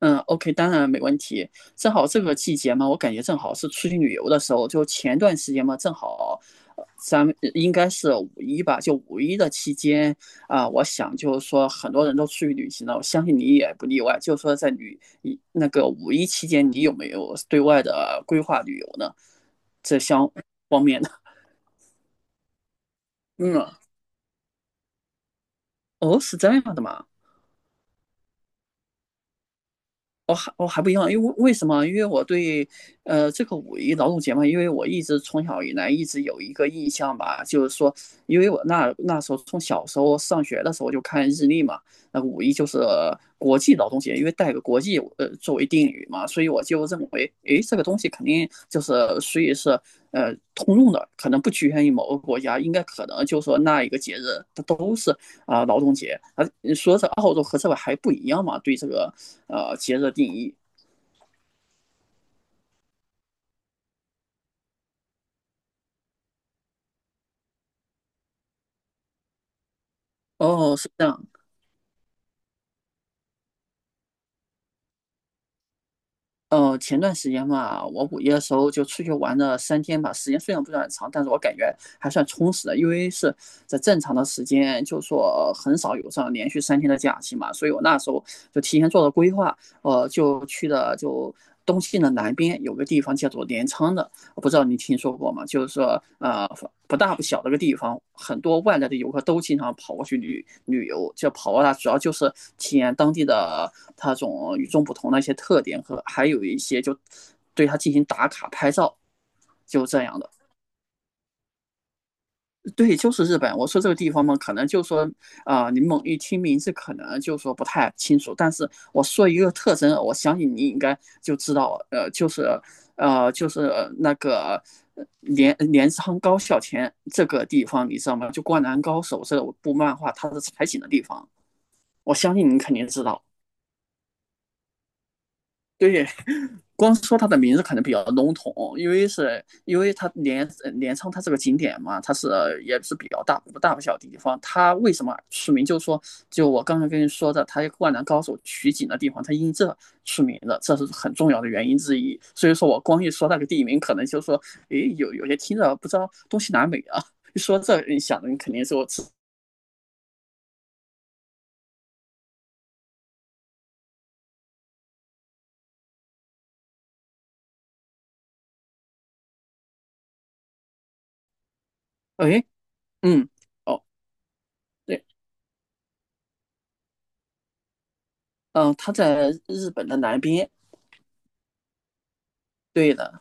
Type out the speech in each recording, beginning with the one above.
嗯，OK，当然没问题。正好这个季节嘛，我感觉正好是出去旅游的时候。就前段时间嘛，正好，咱们应该是五一吧，就五一的期间啊，我想就是说很多人都出去旅行了，我相信你也不例外。就是说在那个五一期间，你有没有对外的规划旅游呢？这相方面的，嗯，哦，是这样的吗？我还不一样，因为为什么？因为我对这个五一劳动节嘛，因为我一直从小以来一直有一个印象吧，就是说，因为我那时候从小时候上学的时候就看日历嘛，那五一就是国际劳动节，因为带个国际作为定语嘛，所以我就认为，诶，这个东西肯定就是所以是通用的，可能不局限于某个国家，应该可能就是说那一个节日它都是啊劳动节啊，说是澳洲和这个还不一样嘛，对这个节日的定义。哦，是这样。前段时间嘛，我五一的时候就出去玩了三天吧，时间虽然不算很长，但是我感觉还算充实的，因为是在正常的时间，就说很少有这样连续3天的假期嘛，所以我那时候就提前做了规划，就去的就东西的南边有个地方叫做镰仓的，我不知道你听说过吗？就是说，不大不小的一个地方，很多外来的游客都经常跑过去旅游，就跑过来主要就是体验当地的它种与众不同的一些特点和还有一些就对它进行打卡拍照，就这样的。对，就是日本。我说这个地方嘛，可能就说，啊、你猛一听名字，可能就说不太清楚。但是我说一个特征，我相信你应该就知道，就是，就是那个镰仓高校前这个地方，你知道吗？就《灌篮高手》这部漫画它是采景的地方，我相信你肯定知道。对。 光说它的名字可能比较笼统，因为它镰仓它是个景点嘛，也是比较大不大不小的地方。它为什么出名？就是说，就我刚才跟你说的，它《灌篮高手》取景的地方，它因这出名的，这是很重要的原因之一。所以说我光一说那个地名，可能就说，诶，有些听着不知道东西南北啊。一说这，你想的你肯定说，诶，嗯，哦，对，嗯，它在日本的南边，对的。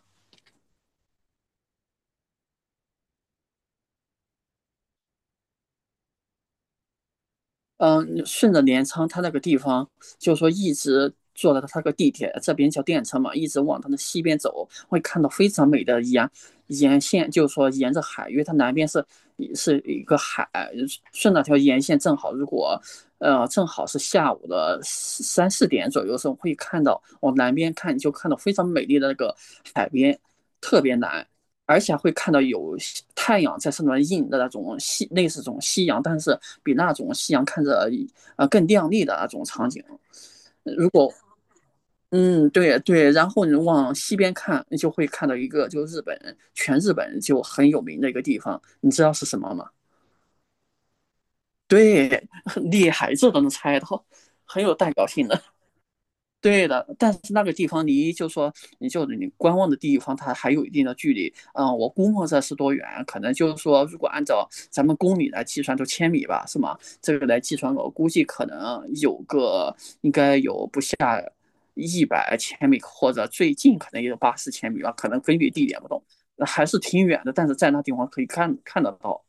嗯，顺着镰仓它那个地方，就是说一直坐到它那个地铁，这边叫电车嘛，一直往它的西边走，会看到非常美的沿线，就是说沿着海，因为它南边是是一个海，顺那条沿线正好，如果正好是下午的三四点左右的时候，会看到往南边看，就看到非常美丽的那个海边，特别蓝，而且会看到有太阳在上面映的那种夕，类似这种夕阳，但是比那种夕阳看着更亮丽的那种场景。如果嗯，对对，然后你往西边看，你就会看到一个就日本，全日本就很有名的一个地方，你知道是什么吗？对，厉害，这都能猜到，很有代表性的。对的，但是那个地方离就说你观望的地方，它还有一定的距离。嗯，我估摸着是多远？可能就是说，如果按照咱们公里来计算，就千米吧，是吗？这个来计算，我估计可能有个应该100千米，或者最近可能也有80千米吧，可能根据地点不同，还是挺远的。但是在那地方可以看得到。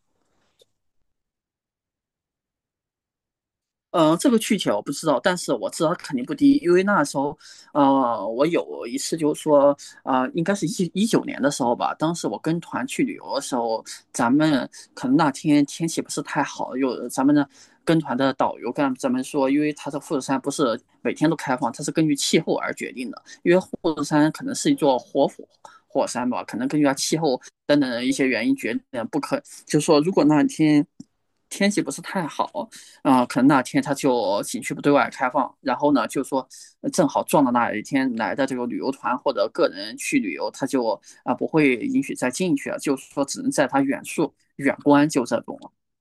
这个具体我不知道，但是我知道它肯定不低，因为那时候，我有一次就是说，啊、应该是2019年的时候吧，当时我跟团去旅游的时候，咱们可能那天天气不是太好，有咱们的跟团的导游跟咱们说，因为他的富士山不是每天都开放，它是根据气候而决定的。护国山可能是一座活火山吧，可能根据它气候等等的一些原因决定不可就是说，如果那天天气不是太好，啊、可能那天它就景区不对外开放，然后呢，就说正好撞到那一天来的这个旅游团或者个人去旅游，他就啊、不会允许再进去了，就是说只能在它远处远观，就这种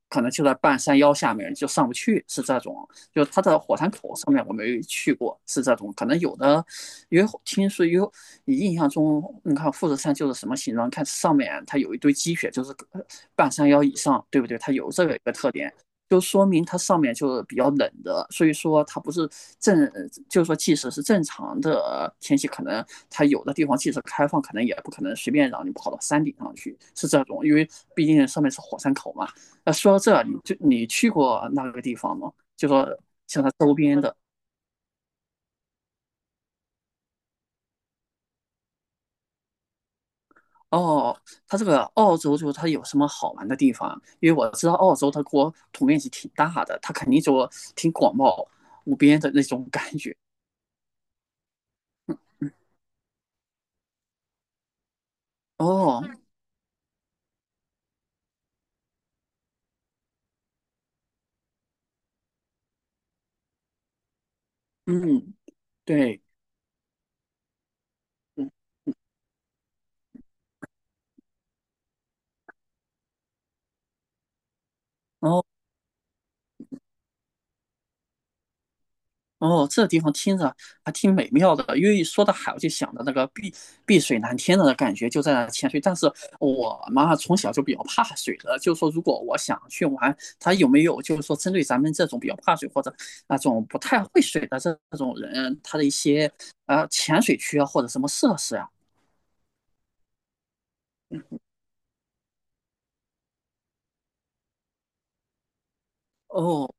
可能就在半山腰下面就上不去，是这种。就它的火山口上面我没去过，是这种。可能有的，因为听说有，你印象中，你看富士山就是什么形状？看上面它有一堆积雪，就是半山腰以上，对不对？它有这个一个特点，就说明它上面就是比较冷的，所以说它不是正，就是说即使是正常的天气，可能它有的地方即使开放，可能也不可能随便让你跑到山顶上去，是这种。因为毕竟上面是火山口嘛。那说到这儿你去过那个地方吗？就说像它周边的哦，它这个澳洲就它有什么好玩的地方啊？因为我知道澳洲它国土面积挺大的，它肯定就挺广袤无边的那种感觉。嗯哦，嗯，对，嗯，哦，哦，这地方听着还挺美妙的，因为一说到海，我就想到那个碧水蓝天的感觉就在那潜水。但是我嘛，从小就比较怕水的，就是说，如果我想去玩，它有没有就是说针对咱们这种比较怕水或者那种不太会水的这种人，他的一些潜水区啊或者什么设施啊？哦，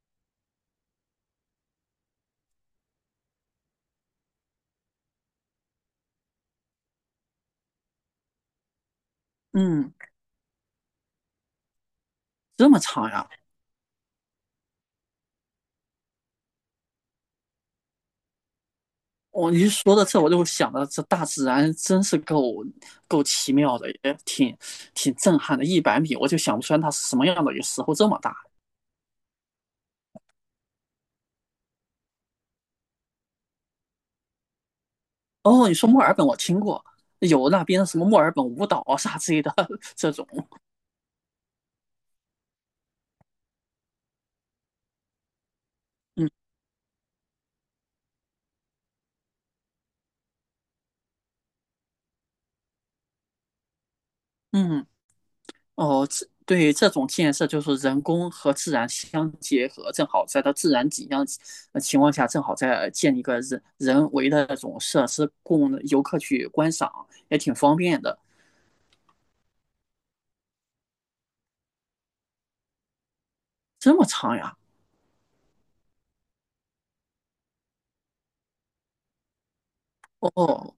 嗯，这么长呀、我一说到这，我就想到这大自然真是够奇妙的，也挺震撼的。100米，我就想不出来它是什么样的，有时候这么大。哦，你说墨尔本，我听过有那边什么墨尔本舞蹈啊啥之类的这种，嗯嗯，哦，这对这种建设就是人工和自然相结合，正好在它自然景象情况下，正好在建立一个人为的那种设施供游客去观赏，也挺方便的。这么长呀？哦，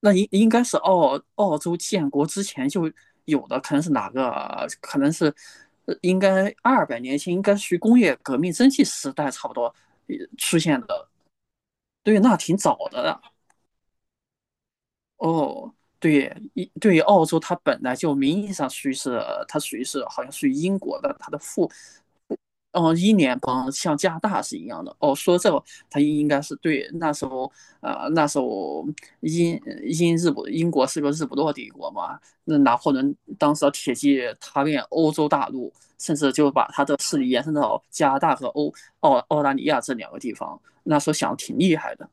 那应该是澳洲建国之前就有的，可能是哪个？可能是应该200年前，应该属于工业革命蒸汽时代差不多出现的。对，那挺早的了。哦。对，对于澳洲，它本来就名义上属于是，它属于是好像属于英国的，它的哦，英联邦像加拿大是一样的。哦，说这个他应该是对那时候，那时候英英国是个日不落帝国嘛，那拿破仑当时的铁骑踏遍欧洲大陆，甚至就把他的势力延伸到加拿大和澳大利亚这两个地方，那时候想挺厉害的。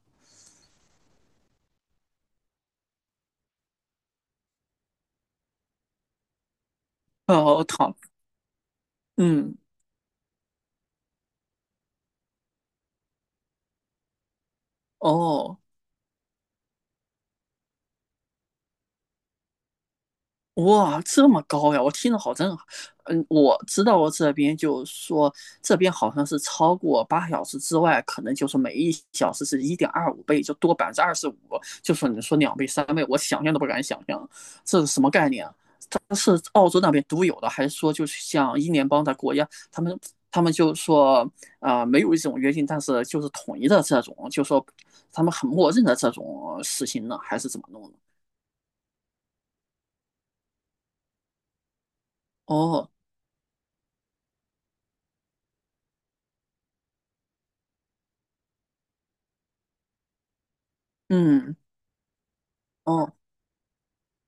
哦，他，嗯，哦。哇，这么高呀！我听着好震撼。嗯，我知道我这边就是说，这边好像是超过8小时之外，可能就是每一小时是1.25倍，就多25%。就说你说两倍、三倍，我想象都不敢想象，这是什么概念啊？但是澳洲那边独有的，还是说就是像英联邦的国家，他们就说啊、没有一种约定，但是就是统一的这种，就说他们很默认的这种事情呢，还是怎么弄的？哦，嗯。哦，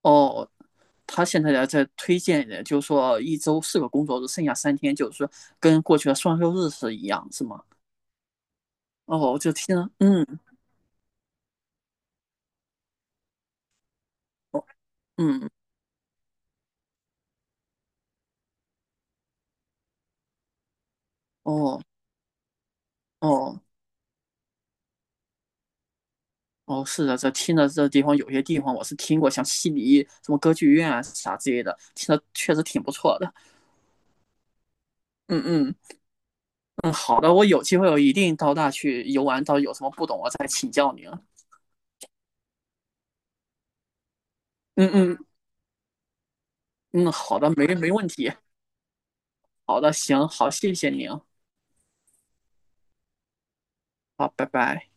哦，他现在在推荐的，就是说一周4个工作日，剩下三天，就是说跟过去的双休日是一样，是吗？哦，我就听了嗯，哦，嗯，哦，哦，哦，是的，这听着这地方有些地方我是听过，像悉尼什么歌剧院啊啥之类的，听着确实挺不错的。嗯嗯嗯，好的，我有机会我一定到那去游玩，到有什么不懂我再请教您。嗯嗯嗯，好的，没问题。好的，行，好，谢谢您，好，拜拜。